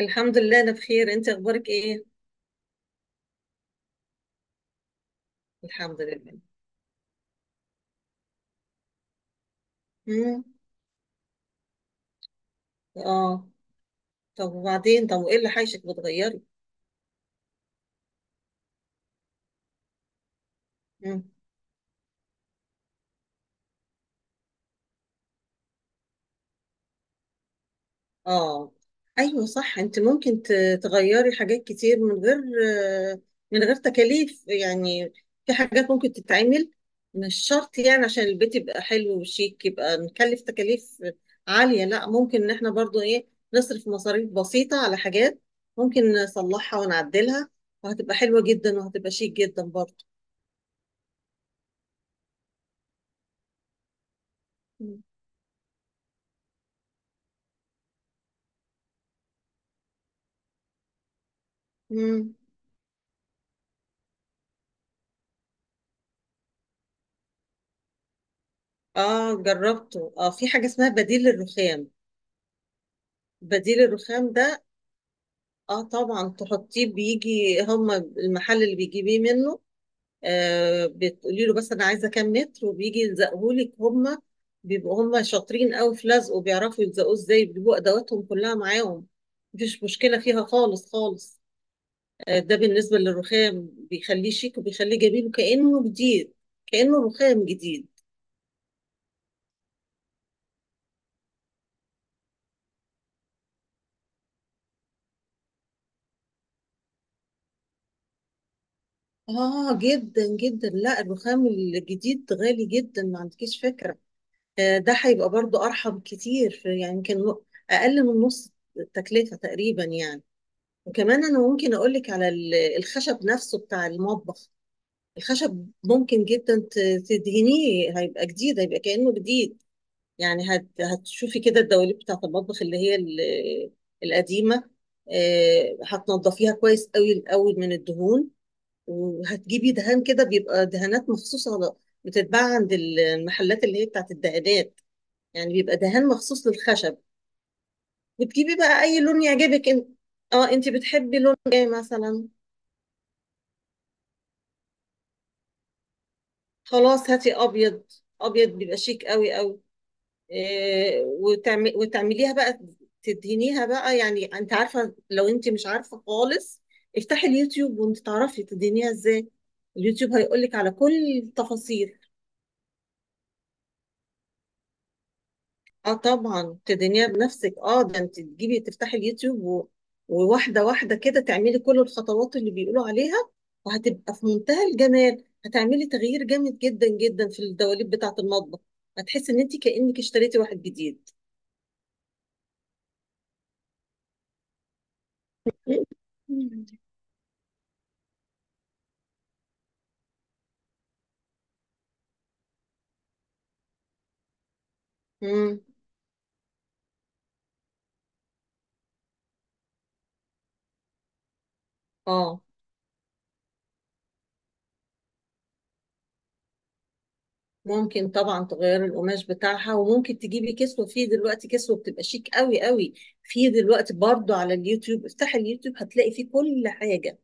الحمد لله انا بخير. انت اخبارك ايه؟ الحمد لله. امم. اه. طب وبعدين، طب وايه اللي حايشك بتغيري؟ امم. اه. ايوه صح. انت ممكن تغيري حاجات كتير من غير، آه، تكاليف يعني. في حاجات ممكن تتعمل. مش شرط يعني عشان البيت يبقى حلو وشيك يبقى نكلف تكاليف عالية. لا، ممكن ان احنا برضو ايه نصرف مصاريف بسيطة على حاجات ممكن نصلحها ونعدلها وهتبقى حلوة جدا وهتبقى شيك جدا برضو. مم. اه جربته. اه، في حاجة اسمها بديل الرخام. بديل الرخام ده اه طبعا تحطيه. بيجي هما المحل اللي بيجيبيه منه، بتقولي له بس انا عايزة كام متر وبيجي يلزقهولك هما. بيبقوا هما شاطرين قوي في لزقه وبيعرفوا يلزقوه ازاي. بيبقوا ادواتهم كلها معاهم. مفيش مشكلة فيها خالص خالص. ده بالنسبة للرخام، بيخليه شيك وبيخليه جميل وكأنه جديد، كأنه رخام جديد. آه جدا جدا. لا، الرخام الجديد غالي جدا، ما عندكيش فكرة. ده هيبقى برضو أرحب كتير أقل من نص التكلفة تقريبا يعني. وكمان أنا ممكن أقولك على الخشب نفسه بتاع المطبخ. الخشب ممكن جدا تدهنيه، هيبقى جديد، هيبقى كأنه جديد. يعني هتشوفي كده الدواليب بتاعة المطبخ اللي هي القديمة. هتنضفيها كويس قوي الأول من الدهون، وهتجيبي دهان كده، بيبقى دهانات مخصوص على بتتباع عند المحلات اللي هي بتاعت الدهانات. يعني بيبقى دهان مخصوص للخشب. وتجيبي بقى اي لون يعجبك انت. اه انت بتحبي لون ايه مثلا؟ خلاص هاتي ابيض. ابيض بيبقى شيك قوي قوي. إيه وتعمل وتعمليها بقى، تدهنيها بقى يعني. انت عارفه؟ لو انت مش عارفه خالص افتحي اليوتيوب وانت تعرفي تدهنيها ازاي. اليوتيوب هيقولك على كل التفاصيل. اه طبعا تدينيها بنفسك. اه، ده انت تجيبي، تفتحي اليوتيوب و... وواحده واحده كده تعملي كل الخطوات اللي بيقولوا عليها. وهتبقى في منتهى الجمال. هتعملي تغيير جامد جدا جدا في الدواليب بتاعه المطبخ. هتحسي ان انت كانك اشتريتي واحد جديد. امم. اه، ممكن طبعا تغيري القماش بتاعها، وممكن تجيبي كسوه. في دلوقتي كسوه بتبقى شيك قوي قوي. في دلوقتي برضو على اليوتيوب، افتحي اليوتيوب هتلاقي فيه كل حاجه.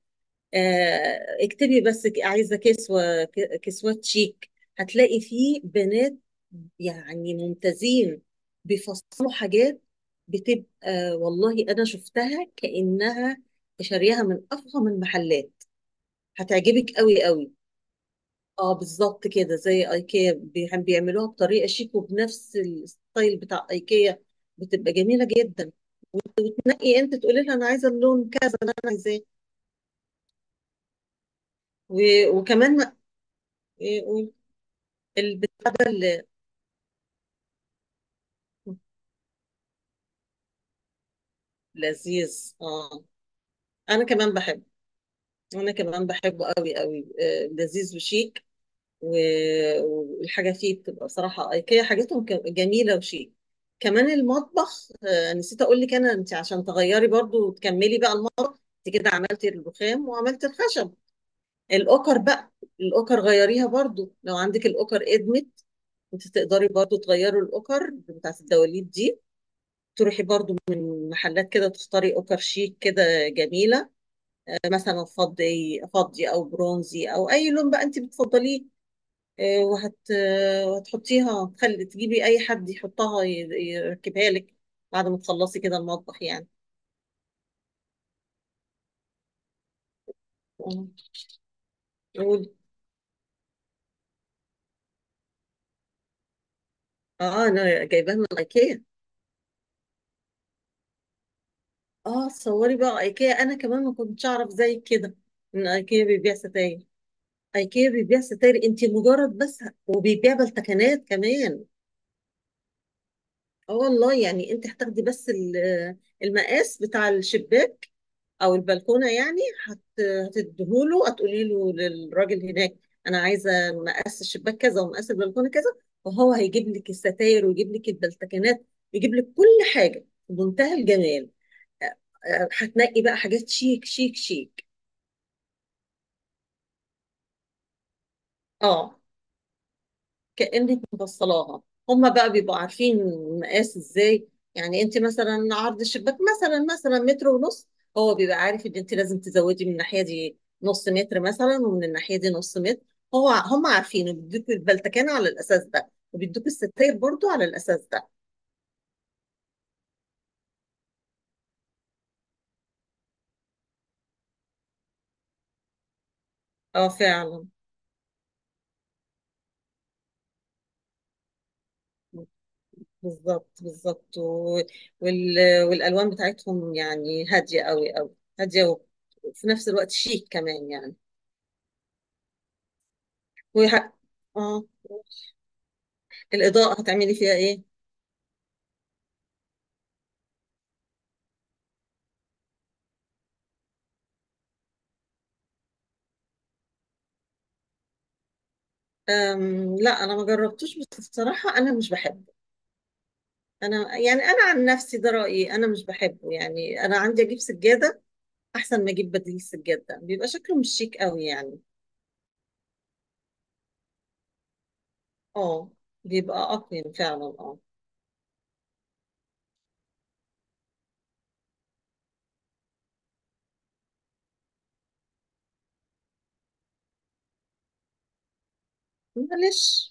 اكتبي بس عايزة كسوة، كسوات شيك. هتلاقي فيه بنات يعني ممتازين بيفصلوا حاجات، بتبقى والله أنا شفتها كأنها شاريها من أفخم المحلات. هتعجبك قوي قوي. اه بالظبط كده زي ايكيا. بيعملوها بطريقة شيك وبنفس الستايل بتاع ايكيا. بتبقى جميلة جدا. تنقي انت، تقولي لها انا عايزة اللون كذا اللي انا عايزاه. و- وكمان ما- إيه، قولي. البتاع ده لذيذ اه. انا كمان بحب، انا كمان بحبه قوي قوي. لذيذ وشيك. و- والحاجه فيه بتبقى صراحه ايكيا حاجتهم جميله وشيك. كمان المطبخ، نسيت اقول لك انا انت عشان تغيري برضو وتكملي بقى المطبخ. انت كده عملتي الرخام وعملتي الخشب. الاوكر بقى، الاوكر غيريها برضو. لو عندك الاوكر ادمت، انت تقدري برضو تغيري الاوكر بتاعت الدواليب دي. تروحي برضو من محلات كده تختاري اوكر شيك كده جميله. مثلا فضي فضي او برونزي او اي لون بقى انت بتفضليه. وهتحطيها، تخلي تجيبي اي حد يحطها يركبها لك بعد ما تخلصي كده المطبخ يعني. آه، قولي. اه انا جايباها من ايكيا. اه تصوري بقى ايكيا! انا كمان ما كنتش اعرف زي كده ان ايكيا بيبيع ستاير. ايكيا بيبيع ستاير انت، مجرد بس، وبيبيع بالتكنات كمان. اه والله. يعني انت هتاخدي بس المقاس بتاع الشباك او البلكونه يعني. هت... هتديهوله، هتقولي له للراجل هناك انا عايزه مقاس الشباك كذا ومقاس البلكونه كذا. وهو هيجيب لك الستاير ويجيب لك البلتكنات ويجيب لك كل حاجه بمنتهى الجمال. آه، هتنقي بقى حاجات شيك شيك شيك. اه كأنك مبصلاها. هما بقى بيبقوا عارفين المقاس ازاي. يعني انت مثلا عرض الشباك مثلا مثلا متر ونص، هو بيبقى عارف ان انت لازم تزودي من الناحية دي نص متر مثلا ومن الناحية دي نص متر. هو هم عارفين، وبيدوك البلتكان على الأساس ده وبيدوك الستاير برضو على الأساس ده. اه فعلا. بالظبط بالظبط. وال... والألوان بتاعتهم يعني هادية قوي قوي هادية، وفي نفس الوقت شيك كمان يعني. ويح... اه. الإضاءة هتعملي فيها إيه؟ أم لا، أنا ما جربتوش بس بصراحة أنا مش بحبه. أنا يعني أنا عن نفسي ده رأيي. أنا مش بحبه يعني. أنا عندي أجيب سجادة أحسن ما أجيب بديل السجادة. بيبقى شكله مش شيك قوي يعني. أه بيبقى أقيم فعلا أه. معلش،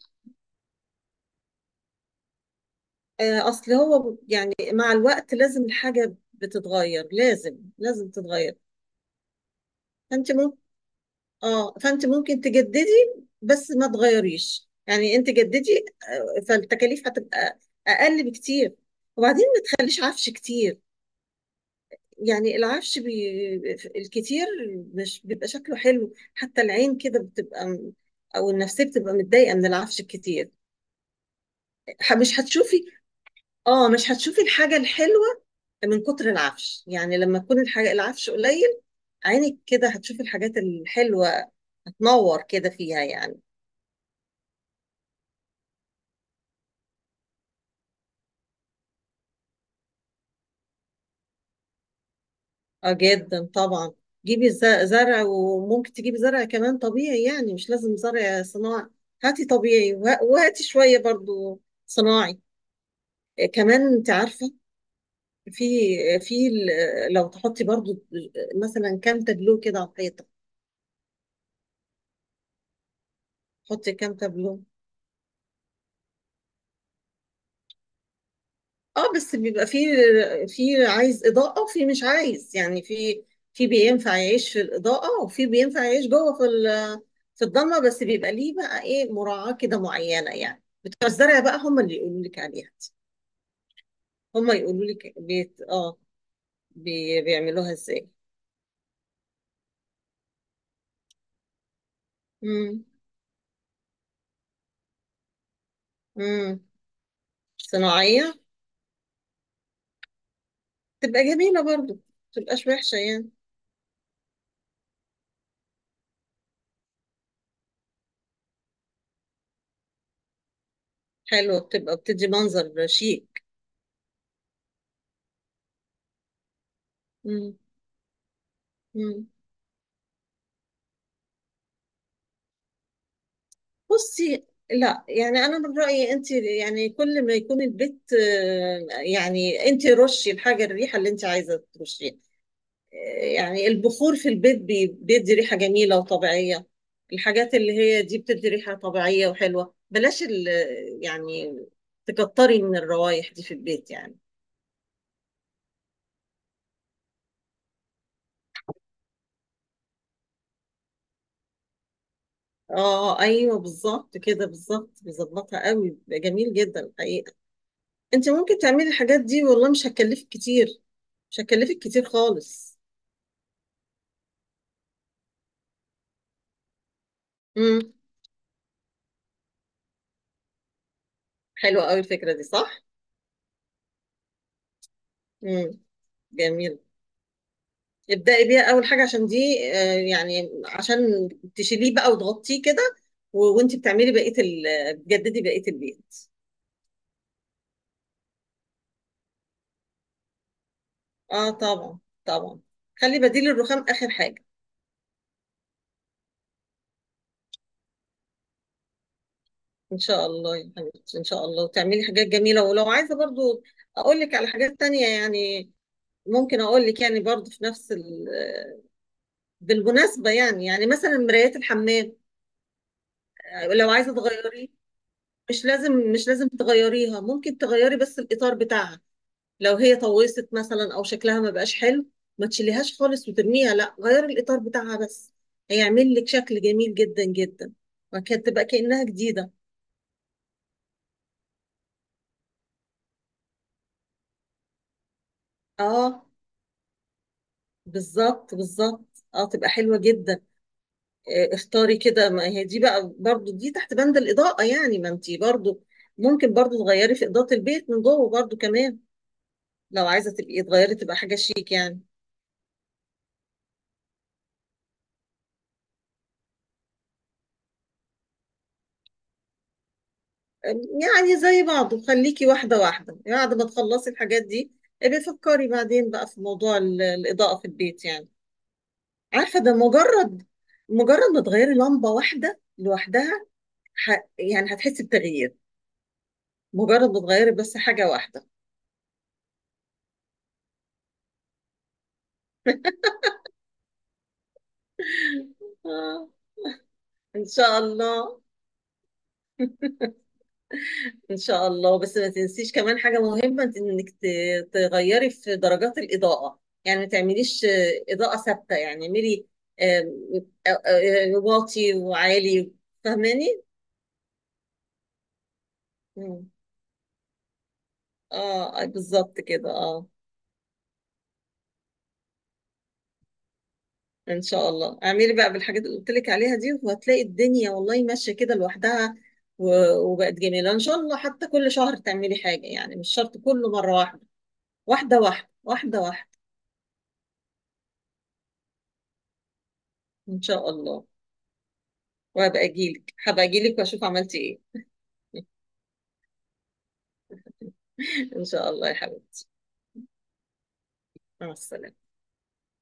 أصل هو يعني مع الوقت لازم الحاجة بتتغير، لازم لازم تتغير. فأنت، اه فانت ممكن تجددي بس ما تغيريش. يعني انت جددي. فالتكاليف هتبقى اقل بكتير. وبعدين ما تخليش عفش كتير. يعني الكتير مش بيبقى شكله حلو. حتى العين كده بتبقى او النفسيه بتبقى متضايقه من العفش الكتير. مش هتشوفي. اه مش هتشوفي الحاجه الحلوه من كتر العفش يعني. لما تكون الحاجه العفش قليل، عينك كده هتشوفي الحاجات الحلوه، هتنور كده فيها يعني. اه جدا طبعا. جيبي زرع، وممكن تجيبي زرع كمان طبيعي يعني مش لازم زرع صناعي. هاتي طبيعي وهاتي شوية برضو صناعي. كمان انت عارفة في، في لو تحطي برضو مثلا كام تابلو كده على الحيطة. حطي كام تابلو. اه بس بيبقى في، في عايز اضاءه وفي مش عايز يعني. في، في بينفع يعيش في الاضاءه وفي بينفع يعيش جوه في في الضلمه. بس بيبقى ليه بقى ايه مراعاه كده معينه يعني. بتوع الزرع بقى هم اللي يقولوا لك عليها دي. هم يقولوا لك بيت اه بيعملوها ازاي. امم. امم. صناعيه تبقى جميله برضو، ما تبقاش وحشه يعني. حلوه بتبقى، بتدي منظر شيك. امم. إمم. بصي لا يعني. انا من رايي انت يعني كل ما يكون البيت، يعني انت رشي الحاجه الريحه اللي انت عايزه ترشيها. آه، يعني البخور في البيت بيدي ريحه جميله وطبيعيه. الحاجات اللي هي دي بتدي ريحه طبيعيه وحلوه. بلاش ال، يعني تكتري من الروايح دي في البيت يعني. اه ايوه بالظبط كده، بالظبط بيظبطها قوي. بيبقى جميل جدا الحقيقه. انت ممكن تعملي الحاجات دي والله مش هتكلفك كتير، مش هتكلفك كتير خالص. امم. حلوة قوي الفكرة دي، صح؟ امم. جميل. ابدأي بيها أول حاجة عشان دي، يعني عشان تشيليه بقى وتغطيه كده وانت بتعملي بقية ال، بتجددي بقية البيت. اه طبعا، طبعا. خلي بديل الرخام آخر حاجة. ان شاء الله يا حبيبتي، ان شاء الله. وتعملي حاجات جميلة. ولو عايزة برضو اقول لك على حاجات تانية يعني، ممكن اقول لك يعني برضو في نفس ال... بالمناسبة يعني، يعني مثلا مرايات الحمام، لو عايزة تغيري مش لازم، مش لازم تغيريها. ممكن تغيري بس الإطار بتاعها. لو هي طوست مثلا أو شكلها ما بقاش حلو، ما تشيليهاش خالص وترميها. لا، غيري الإطار بتاعها بس. هيعمل لك شكل جميل جدا جدا، وكانت تبقى كأنها جديدة. اه بالظبط بالظبط اه، تبقى حلوة جدا. اختاري كده. ما هي دي بقى برضو دي تحت بند الإضاءة يعني. ما انتي برضو ممكن برضو تغيري في إضاءة البيت من جوه برضو كمان. لو عايزة تبقي تغيري تبقى حاجة شيك يعني. يعني زي بعضه، خليكي واحدة واحدة يعني. بعد ما تخلصي الحاجات دي ابقي فكري بعدين بقى في موضوع الإضاءة في البيت يعني. عارفة، ده مجرد، مجرد ما تغيري لمبة واحدة لوحدها ح... يعني هتحسي بتغيير. مجرد ما تغيري بس حاجة واحدة. آه. إن شاء الله. ان شاء الله. بس ما تنسيش كمان حاجه مهمه. انك تغيري في درجات الاضاءه. يعني ما تعمليش اضاءه ثابته. يعني اعملي آه، واطي وعالي. فاهماني؟ مم. اه بالظبط كده اه. ان شاء الله. اعملي بقى بالحاجات اللي قلت لك عليها دي، وهتلاقي الدنيا والله ماشيه كده لوحدها وبقت جميله ان شاء الله. حتى كل شهر تعملي حاجه، يعني مش شرط كله مره واحده. واحده واحده، واحده واحده. ان شاء الله. وهبقى اجيلك، هبقى اجيلك واشوف عملتي ايه. ان شاء الله يا حبيبتي. مع السلامة.